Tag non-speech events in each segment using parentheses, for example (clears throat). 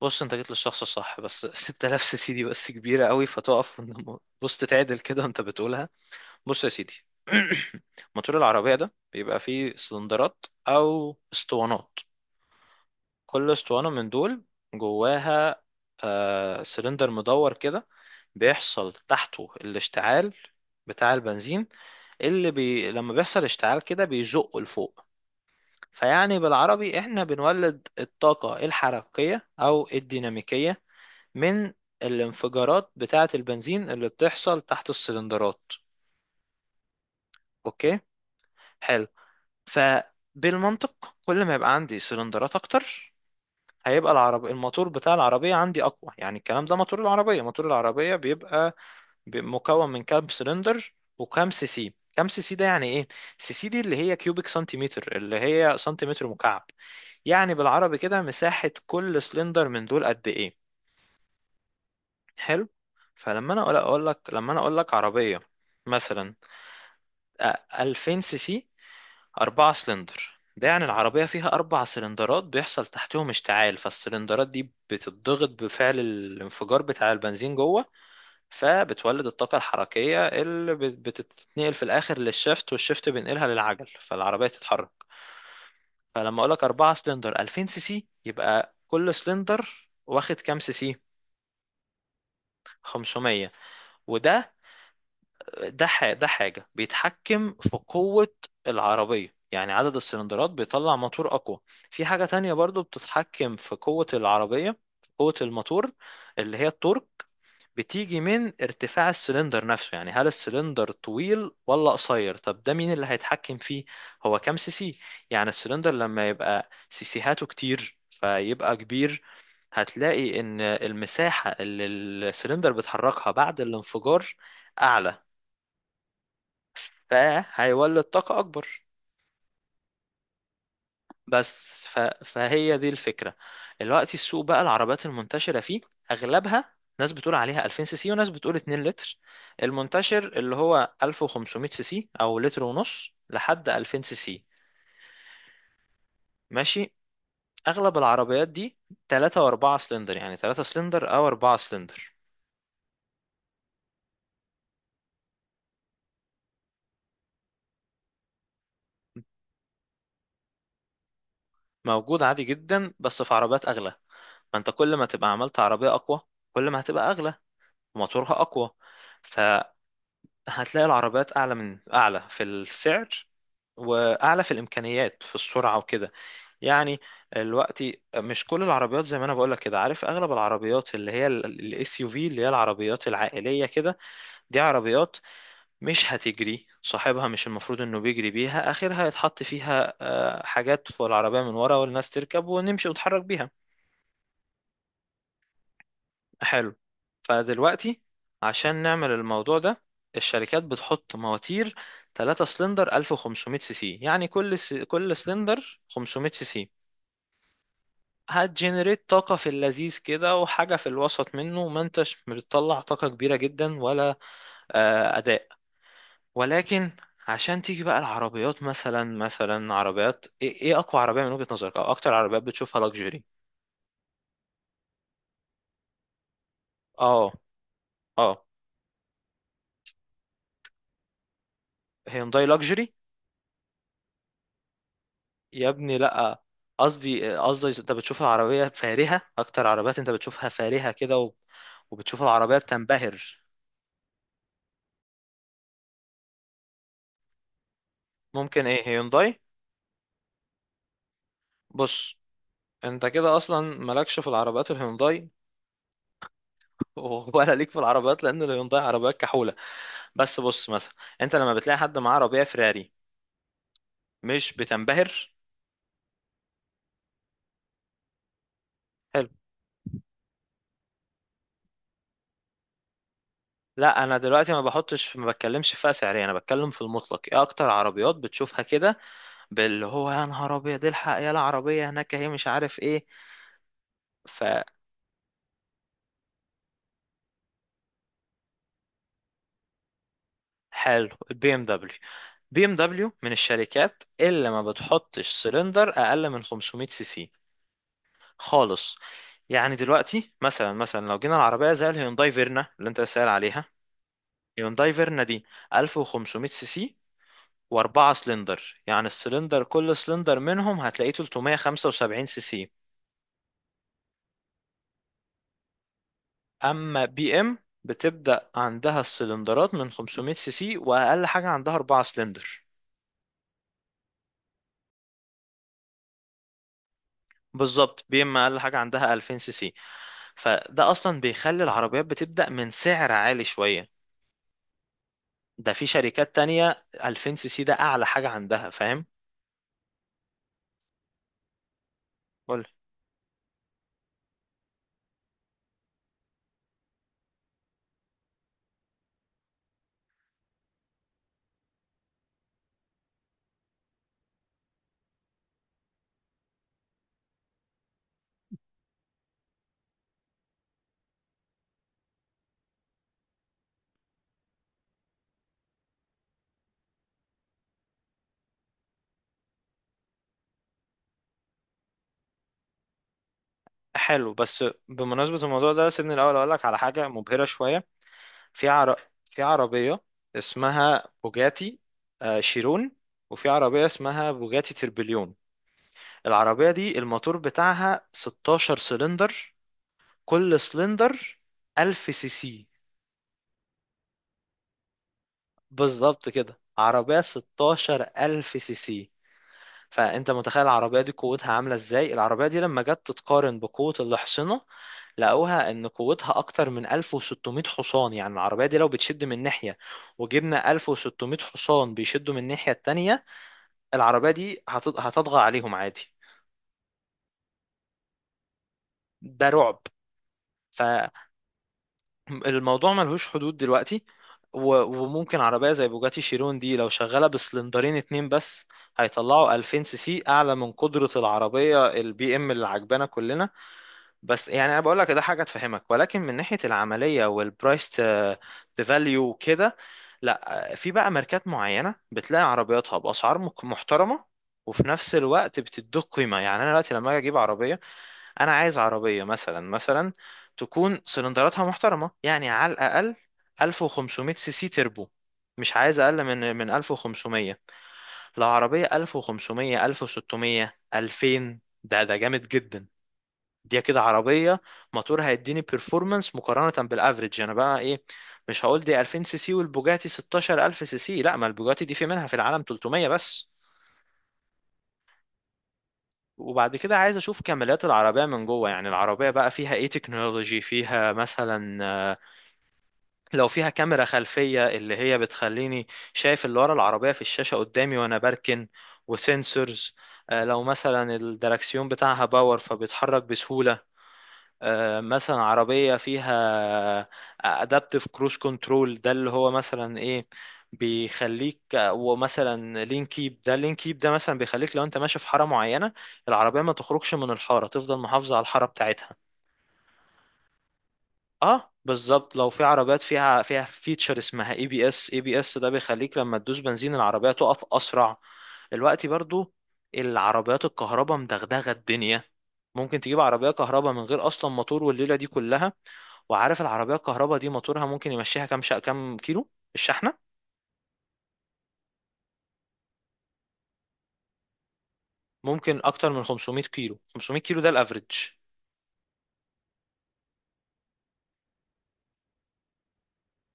بص انت جيت للشخص الصح، بس (laughs) 6000 سي سي دي بس كبيره قوي فتقف. بص تتعدل كده انت بتقولها. بص يا سيدي، (clears throat) موتور العربيه ده بيبقى فيه سلندرات او اسطوانات. كل اسطوانه من دول جواها آه سلندر مدور كده، بيحصل تحته الاشتعال بتاع البنزين. لما بيحصل اشتعال كده بيزقه لفوق. فيعني بالعربي احنا بنولد الطاقة الحركية او الديناميكية من الانفجارات بتاعة البنزين اللي بتحصل تحت السلندرات. اوكي. حلو. فبالمنطق كل ما يبقى عندي سلندرات اكتر، هيبقى العرب الموتور بتاع العربية عندي أقوى. يعني الكلام ده، موتور العربية، موتور العربية بيبقى مكون من كام سلندر وكام سي سي. كام سي سي ده يعني ايه؟ سي سي دي اللي هي كيوبيك سنتيمتر، اللي هي سنتيمتر مكعب. يعني بالعربي كده مساحة كل سلندر من دول قد ايه. حلو. فلما انا اقول لك لما انا اقول لك عربيه مثلا، 2000 سي سي 4 سلندر، ده يعني العربيه فيها اربع سلندرات بيحصل تحتهم اشتعال، فالسلندرات دي بتضغط بفعل الانفجار بتاع البنزين جوه، فبتولد الطاقه الحركيه بتتنقل في الاخر للشفت، والشفت بينقلها للعجل فالعربيه تتحرك. فلما اقول لك 4 سلندر 2000 سي سي، يبقى كل سلندر واخد كام سي سي؟ 500. وده ده حاجة بيتحكم في قوة العربية، يعني عدد السلندرات بيطلع موتور أقوى. في حاجة تانية برضو بتتحكم في قوة العربية، في قوة الموتور، اللي هي التورك. بتيجي من ارتفاع السلندر نفسه، يعني هل السلندر طويل ولا قصير؟ طب ده مين اللي هيتحكم فيه؟ هو كام سي سي. يعني السلندر لما يبقى سيسيهاته كتير فيبقى كبير، هتلاقي ان المساحة اللي السلندر بيتحركها بعد الانفجار اعلى، فهيولد طاقة أكبر. بس فهي دي الفكرة. دلوقتي السوق بقى العربيات المنتشرة فيه أغلبها ناس بتقول عليها 2000 سي سي وناس بتقول 2 لتر. المنتشر اللي هو 1500 سي سي أو لتر ونص لحد 2000 سي سي. ماشي. أغلب العربيات دي 3 و4 سلندر، يعني 3 سلندر أو 4 سلندر موجود عادي جدا. بس في عربيات أغلى. ما أنت كل ما تبقى عملت عربية أقوى كل ما هتبقى أغلى وموتورها أقوى. ف... هتلاقي العربيات اعلى من اعلى في السعر، واعلى في الامكانيات في السرعه وكده. يعني دلوقتي مش كل العربيات زي ما انا بقولك كده، عارف اغلب العربيات اللي هي الاس يو في اللي هي العربيات العائليه كده، دي عربيات مش هتجري صاحبها مش المفروض انه بيجري بيها. اخرها يتحط فيها حاجات فوق العربيه من ورا والناس تركب ونمشي ونتحرك بيها. حلو. فدلوقتي، عشان نعمل الموضوع ده، الشركات بتحط مواتير 3 سلندر 1500 سي سي، يعني كل سلندر 500 سي سي، هتجنريت طاقة في اللذيذ كده وحاجة في الوسط منه. ما انتش بتطلع طاقة كبيرة جدا ولا أداء. ولكن عشان تيجي بقى العربيات، مثلا مثلا عربيات إيه اقوى عربية من وجهة نظرك او اكتر عربيات بتشوفها لاكجري؟ اه اه. هيونداي لاكجري؟ يا ابني لا. قصدي، قصدي انت بتشوف العربية فارهة، اكتر عربيات انت بتشوفها فارهة كده وبتشوف العربية بتنبهر. ممكن ايه؟ هيونداي؟ بص انت كده اصلا مالكش في العربيات الهيونداي. (laughs) ولا ليك في العربيات، لان الهيونداي عربيات كحولة. بس بص مثلا، انت لما بتلاقي حد معاه عربية فراري، مش بتنبهر؟ حلو. لا انا دلوقتي ما بحطش، ما بتكلمش في فئة سعرية، انا بتكلم في المطلق. ايه اكتر عربيات بتشوفها كده باللي هو يا نهار ابيض إيه الحق يا العربية هناك هي مش عارف ايه. فحلو البي ام دبليو. بي ام دبليو من الشركات اللي ما بتحطش سلندر اقل من 500 سي سي خالص. يعني دلوقتي مثلا، مثلا لو جينا العربيه زي الهيونداي فيرنا اللي انت سائل عليها، هيونداي فيرنا دي 1500 سي سي واربعة سلندر، يعني السلندر، كل سلندر منهم هتلاقيه 375 سي سي. اما بي ام، بتبدأ عندها السلندرات من 500 سي سي، واقل حاجه عندها اربعة سلندر. بالظبط، بي ام اقل حاجه عندها 2000 سي سي. فده اصلا بيخلي العربيات بتبدا من سعر عالي شويه. ده في شركات تانية 2000 سي سي ده اعلى حاجه عندها. فاهم؟ قول. حلو. بس بمناسبه الموضوع ده، سيبني الاول اقول لك على حاجه مبهره شويه. في عر... في عربيه اسمها بوجاتي شيرون، وفي عربيه اسمها بوجاتي تربليون. العربيه دي الموتور بتاعها 16 سلندر، كل سلندر 1000 سي سي. بالظبط كده عربية 16000 سي سي. فأنت متخيل العربية دي قوتها عاملة إزاي؟ العربية دي لما جت تتقارن بقوة الأحصنة، لقوها إن قوتها أكتر من 1600 حصان. يعني العربية دي لو بتشد من ناحية، وجبنا 1600 حصان بيشدوا من الناحية التانية، العربية دي هتطغى عليهم عادي. ده رعب. ف الموضوع ملهوش حدود دلوقتي. وممكن عربية زي بوجاتي شيرون دي لو شغالة بسلندرين اتنين بس، هيطلعوا 2000 سي سي أعلى من قدرة العربية البي ام اللي عجبانا كلنا. بس يعني انا بقول لك ده حاجه تفهمك. ولكن من ناحيه العمليه والبرايس فاليو وكده، لا في بقى ماركات معينه بتلاقي عربياتها باسعار محترمه، وفي نفس الوقت بتدوك قيمه. يعني انا دلوقتي لما اجي اجيب عربيه، انا عايز عربيه مثلا، مثلا تكون سلندراتها محترمه، يعني على الاقل 1500 سي سي تربو. مش عايز اقل من 1500. لو عربيه 1500 1600 2000، ده جامد جدا. دي كده عربية موتور هيديني بيرفورمانس مقارنة بالافريج. انا بقى ايه، مش هقول دي 2000 سي سي والبوجاتي 16000 سي سي، لا، ما البوجاتي دي في منها في العالم 300 بس. وبعد كده عايز اشوف كماليات العربية من جوه، يعني العربية بقى فيها ايه تكنولوجي؟ فيها مثلا لو فيها كاميرا خلفية اللي هي بتخليني شايف اللي ورا العربية في الشاشة قدامي وانا بركن، وسنسورز. لو مثلا الدركسيون بتاعها باور فبيتحرك بسهولة. مثلا عربية فيها adaptive cruise control، ده اللي هو مثلا ايه، بيخليك. ومثلا لين كيب، ده لين كيب ده مثلا بيخليك لو انت ماشي في حارة معينة، العربية ما تخرجش من الحارة، تفضل محافظة على الحارة بتاعتها. اه بالظبط. لو في عربيات فيها فيتشر اسمها اي بي اس، اي بي اس ده بيخليك لما تدوس بنزين العربية تقف اسرع. دلوقتي برضو، العربيات الكهرباء مدغدغة الدنيا. ممكن تجيب عربية كهرباء من غير اصلا موتور والليلة دي كلها. وعارف العربية الكهرباء دي موتورها ممكن يمشيها كام؟ كام كيلو الشحنة؟ ممكن أكتر من 500 كيلو. 500 كيلو ده الأفريج.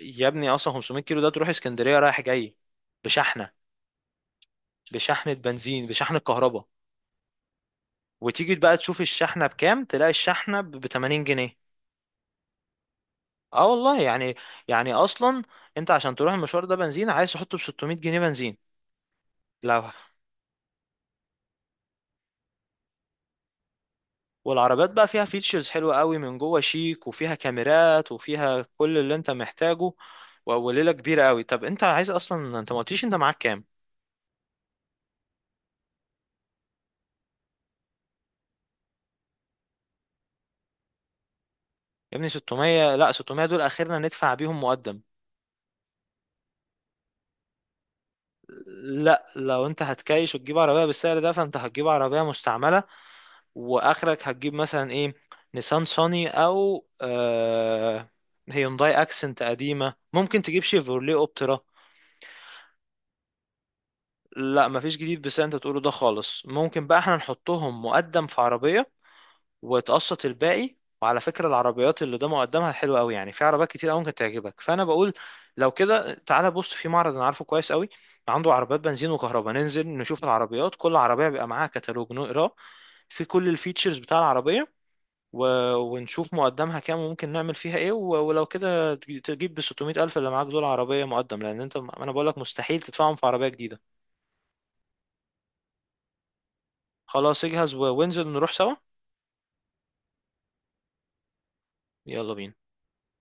يا ابني أصلا 500 كيلو ده تروح اسكندرية رايح جاي بشحنة. بشحنة بنزين، بشحنة كهرباء. وتيجي بقى تشوف الشحنة بكام، تلاقي الشحنة ب 80 جنيه. اه والله. يعني يعني أصلا أنت عشان تروح المشوار ده بنزين، عايز تحطه ب 600 جنيه بنزين. لو والعربيات بقى فيها فيتشرز حلوة قوي من جوه شيك وفيها كاميرات وفيها كل اللي انت محتاجه وليله كبيره قوي. طب انت عايز اصلا؟ انت ما قلتليش انت معاك كام. يا ابني 600؟ لا، 600 دول اخرنا ندفع بيهم مقدم. لا لو انت هتكايش وتجيب عربيه بالسعر ده، فانت هتجيب عربيه مستعمله. واخرك هتجيب مثلا ايه، نيسان صاني او هيونداي اكسنت قديمه، ممكن تجيب شيفروليه اوبترا. لا مفيش جديد بس انت تقوله ده خالص. ممكن بقى احنا نحطهم مقدم في عربيه، وتقسط الباقي. وعلى فكرة العربيات اللي ده مقدمها حلوة قوي، يعني في عربيات كتير قوي ممكن تعجبك. فأنا بقول لو كده تعالى، بص في معرض أنا عارفه كويس قوي، عنده عربيات بنزين وكهرباء، ننزل نشوف العربيات، كل عربية بيبقى معاها كتالوج نقراه في كل الفيتشرز بتاع العربية. و... ونشوف مقدمها كام وممكن نعمل فيها ايه. ولو كده تجيب ب 600 ألف اللي معاك دول عربية مقدم، لأن انت، أنا بقول لك مستحيل تدفعهم في عربية جديدة. خلاص اجهز وانزل نروح سوا. يلا بينا.